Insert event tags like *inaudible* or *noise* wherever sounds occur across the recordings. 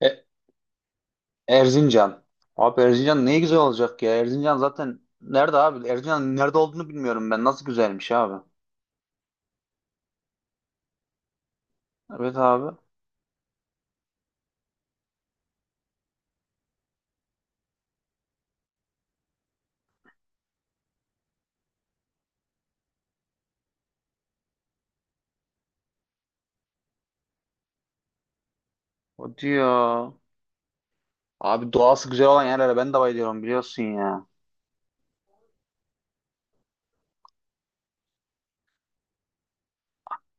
E- Erzincan. Abi Erzincan ne güzel olacak ya. Erzincan zaten nerede abi? Erzincan'ın nerede olduğunu bilmiyorum ben. Nasıl güzelmiş abi. Evet abi. O diyor. Abi doğası güzel olan yerlere ben de bayılıyorum biliyorsun ya.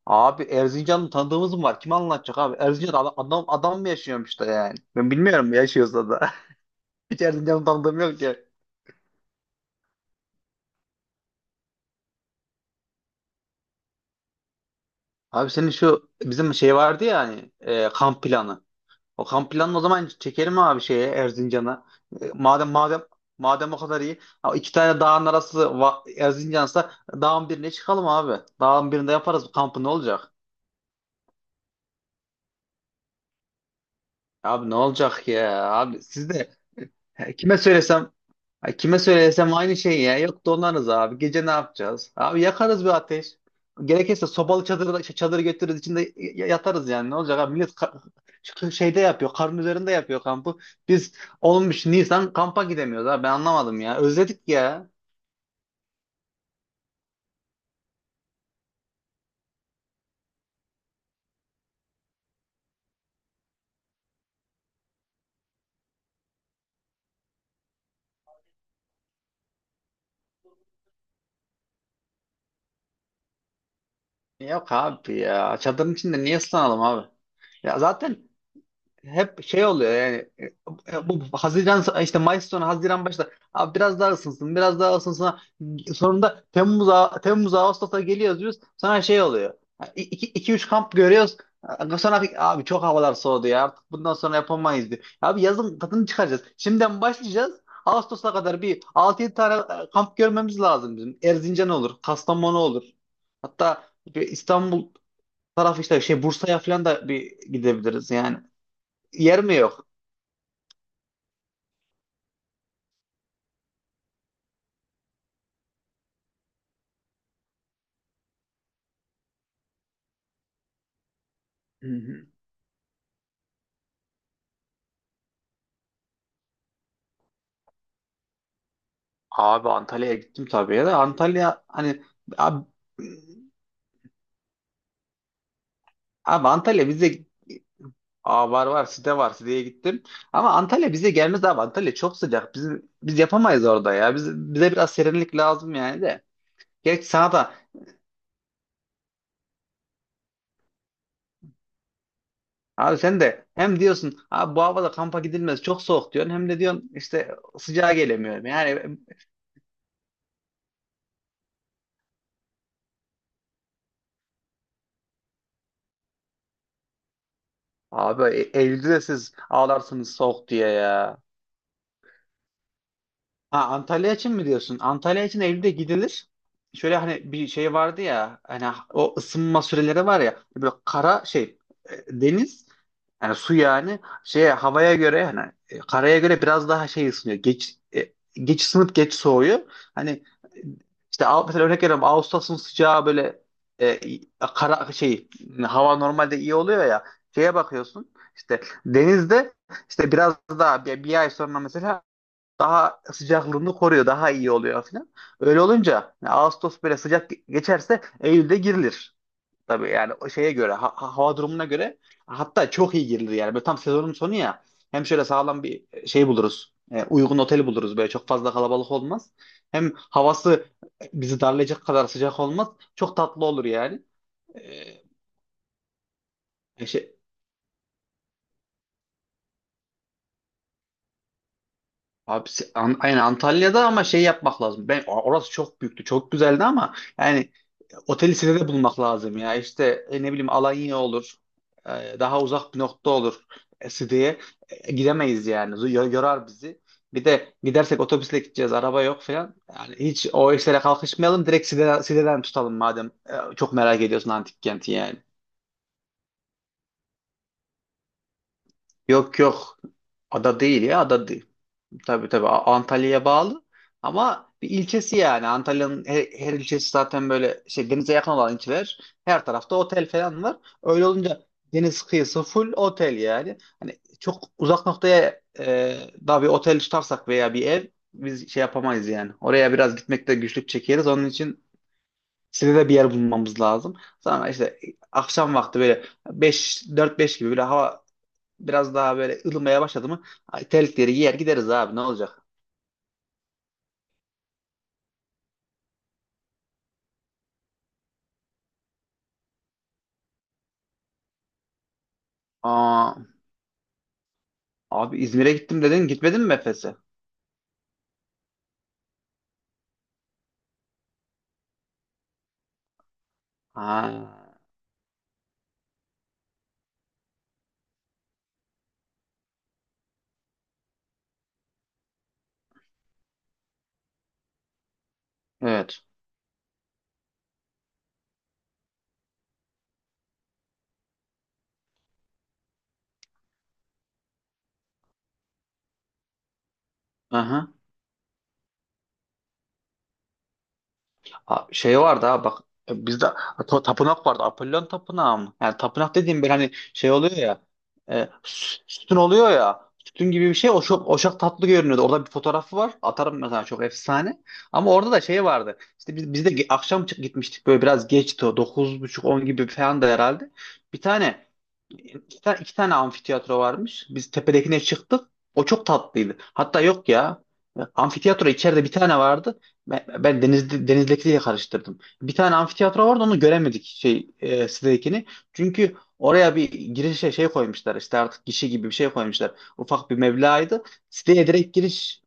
Abi Erzincan'ın tanıdığımız mı var? Kim anlatacak abi? Erzincan adam, adam, adam mı yaşıyormuş da yani? Ben bilmiyorum yaşıyorsa da. *laughs* Hiç Erzincan'ın tanıdığım yok ki. Abi senin şu bizim şey vardı ya hani kamp planı. O kamp planını o zaman çekelim abi şeye Erzincan'a. E, Madem madem madem o kadar iyi. Ha, iki tane dağın arası Erzincan'sa dağın birine çıkalım abi. Dağın birinde yaparız bu kampı, ne olacak? Abi ne olacak ya? Abi siz de he, kime söylesem. Ay, kime söylesem aynı şey ya. Yok, donarız abi. Gece ne yapacağız? Abi, yakarız bir ateş. Gerekirse sobalı çadır, şey, çadır götürürüz, içinde yatarız yani. Ne olacak abi? Millet şu şeyde yapıyor. Karın üzerinde yapıyor kampı. Biz olmuş Nisan kampa gidemiyoruz abi. Ben anlamadım ya. Özledik ya. Yok abi ya. Çadırın içinde niye ıslanalım abi? Ya zaten hep şey oluyor yani, bu Haziran işte, Mayıs sonu Haziran başta abi biraz daha ısınsın biraz daha ısınsın, sonunda Temmuz Ağustos'a geliyoruz diyoruz, sonra şey oluyor, 2 3 kamp görüyoruz, sonra abi çok havalar soğudu ya, artık bundan sonra yapamayız diyor. Abi yazın tadını çıkaracağız. Şimdiden başlayacağız. Ağustos'a kadar bir altı yedi tane kamp görmemiz lazım bizim. Erzincan olur, Kastamonu olur. Hatta bir İstanbul tarafı işte şey Bursa'ya falan da bir gidebiliriz yani. Yer mi yok? Hı hı. Abi Antalya'ya gittim tabii ya da Antalya hani abi, abi Antalya bize. Aa, var var, site var, siteye gittim. Ama Antalya bize gelmez abi. Antalya çok sıcak. Biz yapamayız orada ya. Bize biraz serinlik lazım yani de. Gerçi sana da abi, sen de hem diyorsun abi bu havada kampa gidilmez çok soğuk diyorsun, hem de diyorsun işte sıcağa gelemiyorum. Yani abi, Eylül'de de siz ağlarsınız soğuk diye ya. Ha, Antalya için mi diyorsun? Antalya için Eylül'de gidilir. Şöyle hani bir şey vardı ya, hani o ısınma süreleri var ya, böyle kara şey, deniz yani, su yani, şey havaya göre hani, karaya göre biraz daha şey ısınıyor. Geç ısınıp geç soğuyor. Hani e, işte mesela örnek veriyorum, Ağustos'un sıcağı böyle, e, kara şey, hava normalde iyi oluyor ya, şeye bakıyorsun işte denizde, işte biraz daha bir ay sonra mesela daha sıcaklığını koruyor, daha iyi oluyor falan. Öyle olunca yani Ağustos böyle sıcak geçerse Eylül'de girilir. Tabii yani o şeye göre, hava durumuna göre hatta çok iyi girilir yani. Böyle tam sezonun sonu ya. Hem şöyle sağlam bir şey buluruz. Uygun oteli buluruz, böyle çok fazla kalabalık olmaz. Hem havası bizi darlayacak kadar sıcak olmaz. Çok tatlı olur yani. Şey, abi, aynen Antalya'da, ama şey yapmak lazım. Ben orası çok büyüktü, çok güzeldi, ama yani oteli size de bulmak lazım ya. İşte ne bileyim, Alanya olur, daha uzak bir nokta olur, Side'ye gidemeyiz yani. Yorar bizi. Bir de gidersek otobüsle gideceğiz, araba yok falan. Yani hiç o işlere kalkışmayalım. Direkt Side'den tutalım madem. Çok merak ediyorsun antik kenti yani. Yok yok. Ada değil ya, ada değil. Tabii tabii, Antalya'ya bağlı, ama bir ilçesi yani. Antalya'nın her ilçesi zaten böyle şey, denize yakın olan ilçeler, her tarafta otel falan var. Öyle olunca deniz kıyısı full otel yani. Hani çok uzak noktaya daha bir otel tutarsak veya bir ev, biz şey yapamayız yani. Oraya biraz gitmekte güçlük çekeriz. Onun için size de bir yer bulmamız lazım. Sonra işte akşam vakti böyle beş dört beş gibi böyle hava biraz daha böyle ılımaya başladı mı, ay, terlikleri giyer gideriz abi, ne olacak? Aa, abi İzmir'e gittim dedin, gitmedin mi Efes'e? Ha, evet. Aha. Aa, şey vardı ha bak, bizde tapınak vardı, Apollon tapınağı mı? Yani tapınak dediğim bir, hani şey oluyor ya, sütun oluyor ya, sütun gibi bir şey, oşak, oşak tatlı görünüyordu. Orada bir fotoğrafı var, atarım mesela, çok efsane. Ama orada da şey vardı işte, biz de akşam gitmiştik böyle, biraz geçti, dokuz buçuk on gibi falan da herhalde. Bir tane İki, ta- iki tane amfiteyatro varmış. Biz tepedekine çıktık. O çok tatlıydı. Hatta yok ya. Amfiteyatro içeride bir tane vardı. Ben denizdekiyle karıştırdım. Bir tane amfiteyatro vardı, onu göremedik şey, sitedekini. Çünkü oraya bir girişe şey koymuşlar işte, artık gişe gibi bir şey koymuşlar. Ufak bir meblağydı. Siteye direkt giriş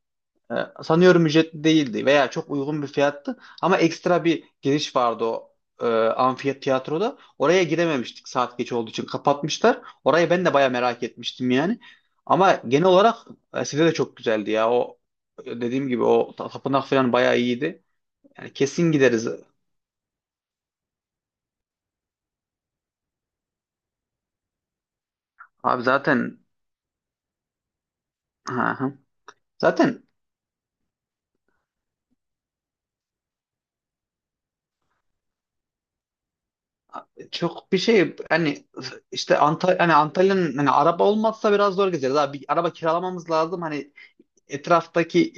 ee, sanıyorum ücretli değildi veya çok uygun bir fiyattı, ama ekstra bir giriş vardı o amfi tiyatroda. Oraya girememiştik, saat geç olduğu için kapatmışlar. Orayı ben de baya merak etmiştim yani. Ama genel olarak size de çok güzeldi ya. O dediğim gibi o tapınak falan baya iyiydi. Yani kesin gideriz. Abi zaten. Hı hı. Zaten çok bir şey hani, işte Antalya, hani Antalya'nın hani araba olmazsa biraz zor gezeriz. Abi bir araba kiralamamız lazım. Hani etraftaki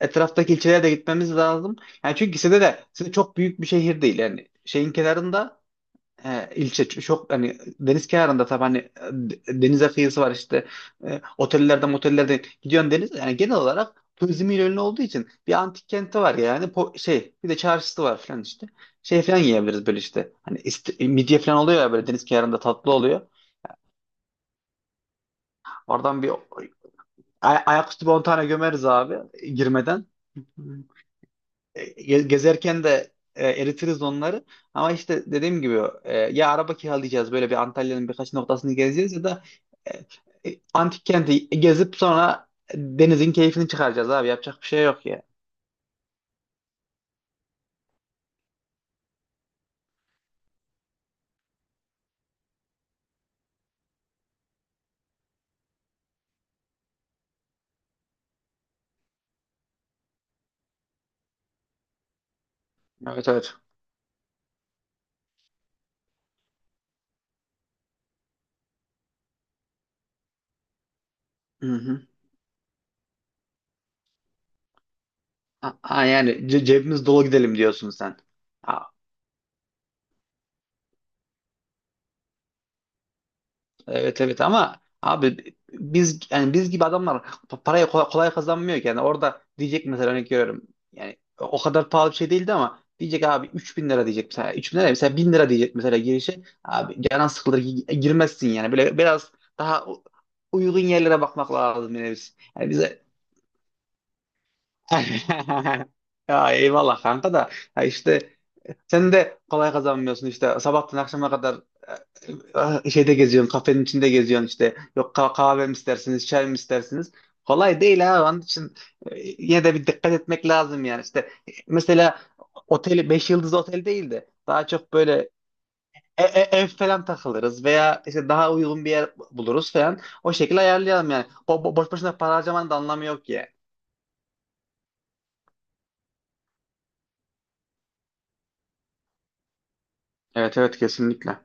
etraftaki ilçelere de gitmemiz lazım. Yani çünkü ikisi de ikisi çok büyük bir şehir değil. Yani şeyin kenarında ilçe, çok hani deniz kenarında, tabii hani denize kıyısı var işte, otellerde motellerde gidiyorsun, deniz yani, genel olarak turizmiyle ünlü olduğu için, bir antik kenti var yani, şey, bir de çarşısı var falan işte, şey falan yiyebiliriz, böyle işte hani midye falan oluyor ya, böyle deniz kenarında tatlı oluyor, oradan bir ayaküstü bir 10 tane gömeriz abi girmeden. Gezerken de eritiriz onları. Ama işte dediğim gibi ya araba kiralayacağız böyle, bir Antalya'nın birkaç noktasını gezeceğiz, ya da antik kenti gezip sonra denizin keyfini çıkaracağız abi. Yapacak bir şey yok ya. Evet evet. Hı hı. Yani cebimiz dolu gidelim diyorsun sen. A- Evet evet, ama abi biz yani biz gibi adamlar parayı kolay kolay kazanmıyor ki. Yani orada diyecek mesela, örnek görüyorum. Yani o kadar pahalı bir şey değildi, ama diyecek abi 3.000 lira, diyecek mesela 3.000 lira, mesela 1.000 lira diyecek mesela girişe. Abi canan sıkılır, girmezsin yani. Böyle biraz daha uygun yerlere bakmak lazım yine biz. Yani bize *laughs* ya eyvallah kanka, da ya işte sen de kolay kazanmıyorsun işte. Sabahtan akşama kadar şeyde geziyorsun, kafenin içinde geziyorsun işte. Yok kahve mi istersiniz, çay mı istersiniz? Kolay değil ha. Onun için yine de bir dikkat etmek lazım yani. İşte mesela oteli 5 yıldızlı otel değil de daha çok böyle ev falan takılırız, veya işte daha uygun bir yer buluruz falan. O şekilde ayarlayalım yani. O boş boşuna para harcamanın da anlamı yok ya. Evet evet kesinlikle.